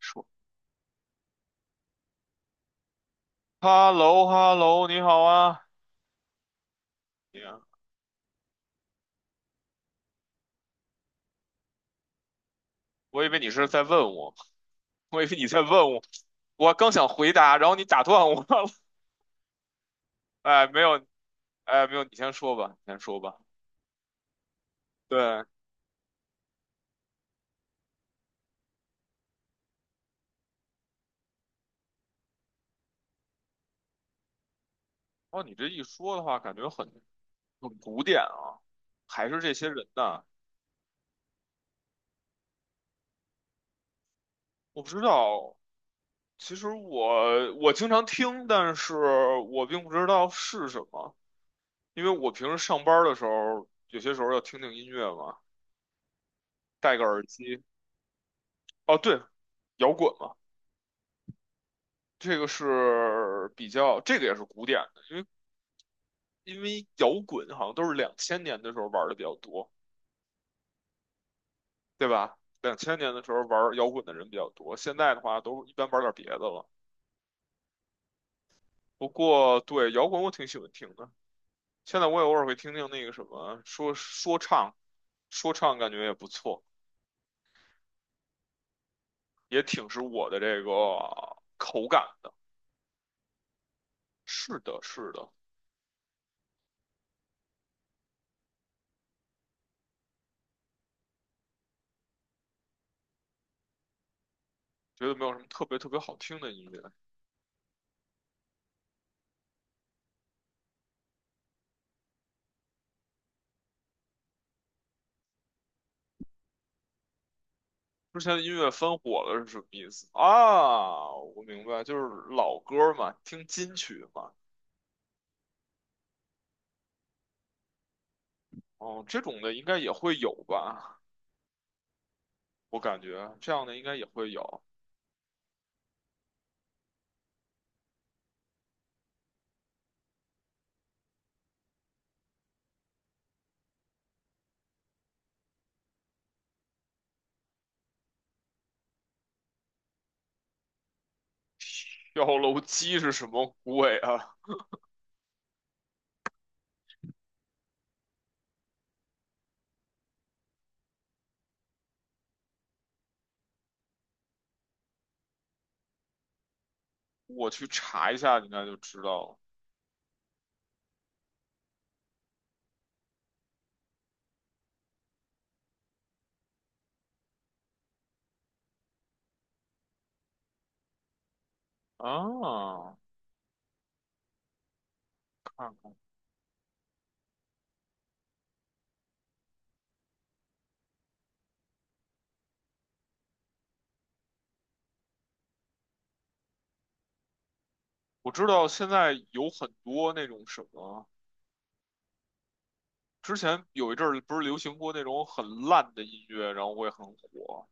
说 "hello hello，你好啊"，你啊我以为你是在问我，我以为你在问我，我刚想回答，然后你打断我了。哎，没有，哎，没有，你先说吧，你先说吧。对。哦，你这一说的话，感觉很古典啊，还是这些人呐？我不知道，其实我经常听，但是我并不知道是什么，因为我平时上班的时候，有些时候要听听音乐嘛，戴个耳机。哦，对，摇滚嘛。这个是比较，这个也是古典的，因为摇滚好像都是两千年的时候玩的比较多，对吧？两千年的时候玩摇滚的人比较多，现在的话都一般玩点别的了。不过对摇滚我挺喜欢听的，现在我也偶尔会听听那个什么说唱，说唱感觉也不错，也挺是我的这个口感的。是的，是的。觉得没有什么特别特别好听的音乐。之前的音乐翻火了是什么意思啊？我明白，就是老歌嘛，听金曲嘛。哦，这种的应该也会有吧？我感觉这样的应该也会有。跳楼机是什么鬼啊？我去查一下，应该就知道了。啊，看看。我知道现在有很多那种什么，之前有一阵儿不是流行过那种很烂的音乐，然后会很火。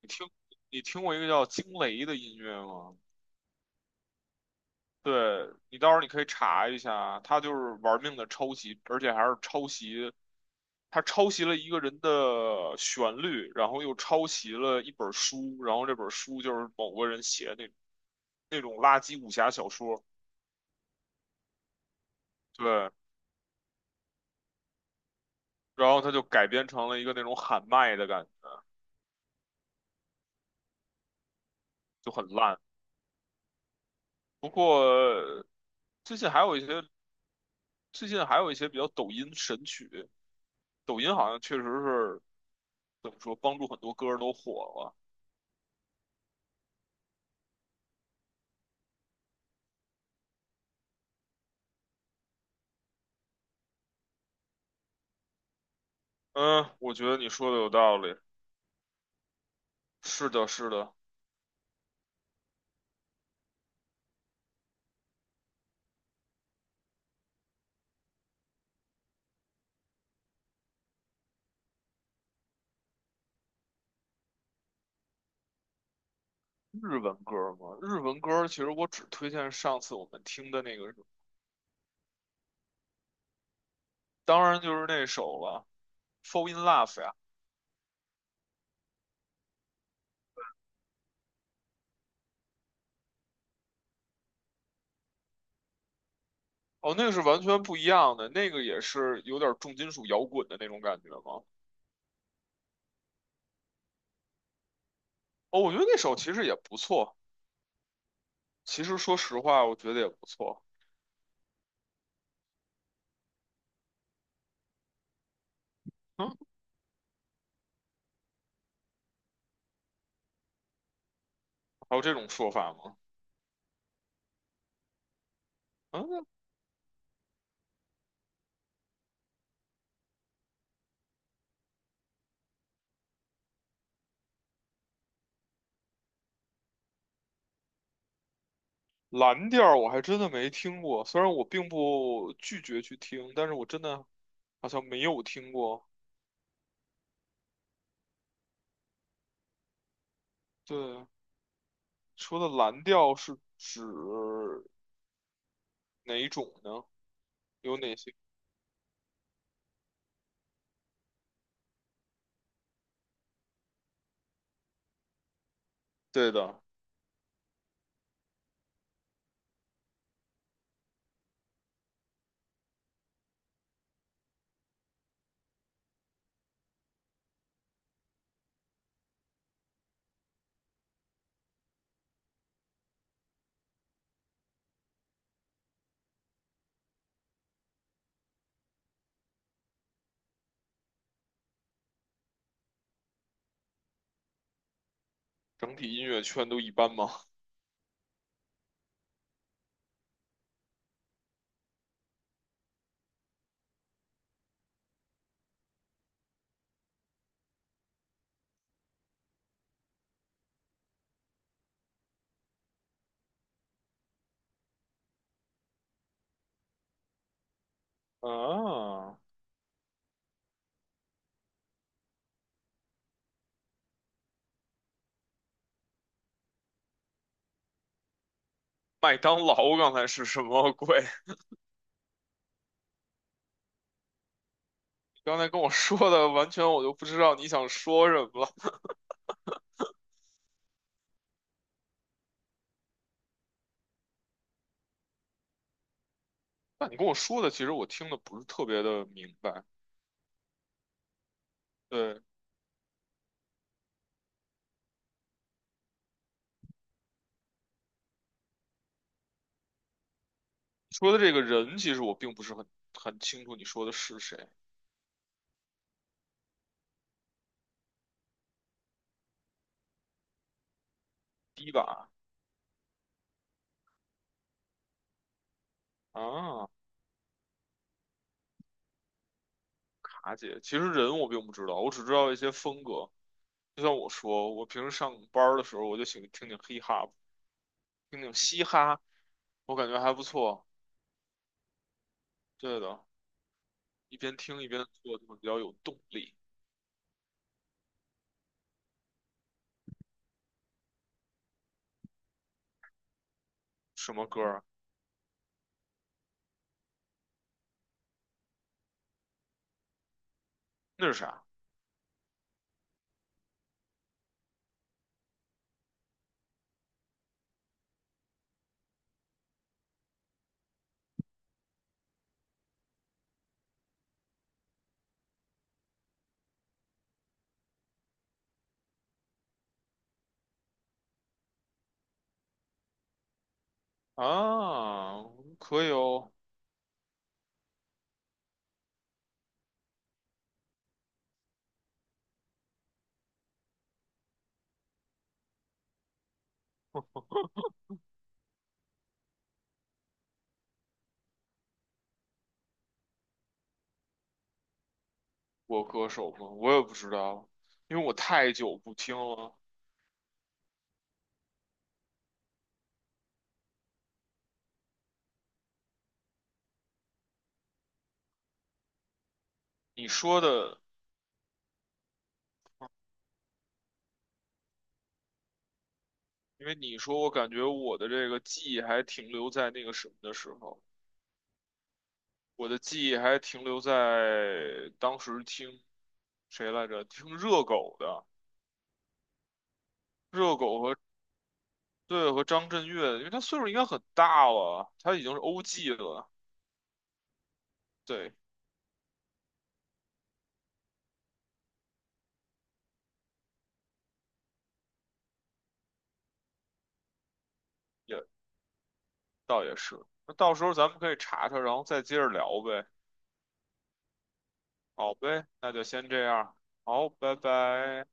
你听，你听过一个叫惊雷的音乐吗？对，你到时候你可以查一下，他就是玩命的抄袭，而且还是抄袭，他抄袭了一个人的旋律，然后又抄袭了一本书，然后这本书就是某个人写的那种垃圾武侠小说。对，然后他就改编成了一个那种喊麦的感觉，就很烂。不过最近还有一些，最近还有一些比较抖音神曲，抖音好像确实是怎么说，帮助很多歌儿都火了。嗯，我觉得你说的有道理。是的，是的。日文歌吗？日文歌其实我只推荐上次我们听的那个，当然就是那首了，《Fall in Love》呀。哦，那个是完全不一样的，那个也是有点重金属摇滚的那种感觉吗？哦，我觉得那首其实也不错，其实说实话，我觉得也不错。嗯，还有这种说法吗？嗯，蓝调我还真的没听过，虽然我并不拒绝去听，但是我真的好像没有听过。对，说的蓝调是指哪一种呢？有哪些？对的。整体音乐圈都一般吗？啊，麦当劳刚才是什么鬼？你刚才跟我说的完全我都不知道你想说什么了。那你跟我说的其实我听的不是特别的明白。对，说的这个人其实我并不是很清楚你说的是谁。第一把啊。卡姐，其实人我并不知道，我只知道一些风格。就像我说，我平时上班儿的时候我就喜欢听听 hip hop，听听嘻哈，我感觉还不错。对的，一边听一边做就会比较有动力。什么歌儿？那是啥啊？可以哦。我歌手吗？我也不知道，因为我太久不听了。你说的，因为你说，我感觉我的这个记忆还停留在那个什么的时候，我的记忆还停留在当时听谁来着？听热狗的。热狗和对，和张震岳，因为他岁数应该很大了，他已经是 OG 了。对。也。倒也是，那到时候咱们可以查查，然后再接着聊呗。好呗，那就先这样。好，拜拜。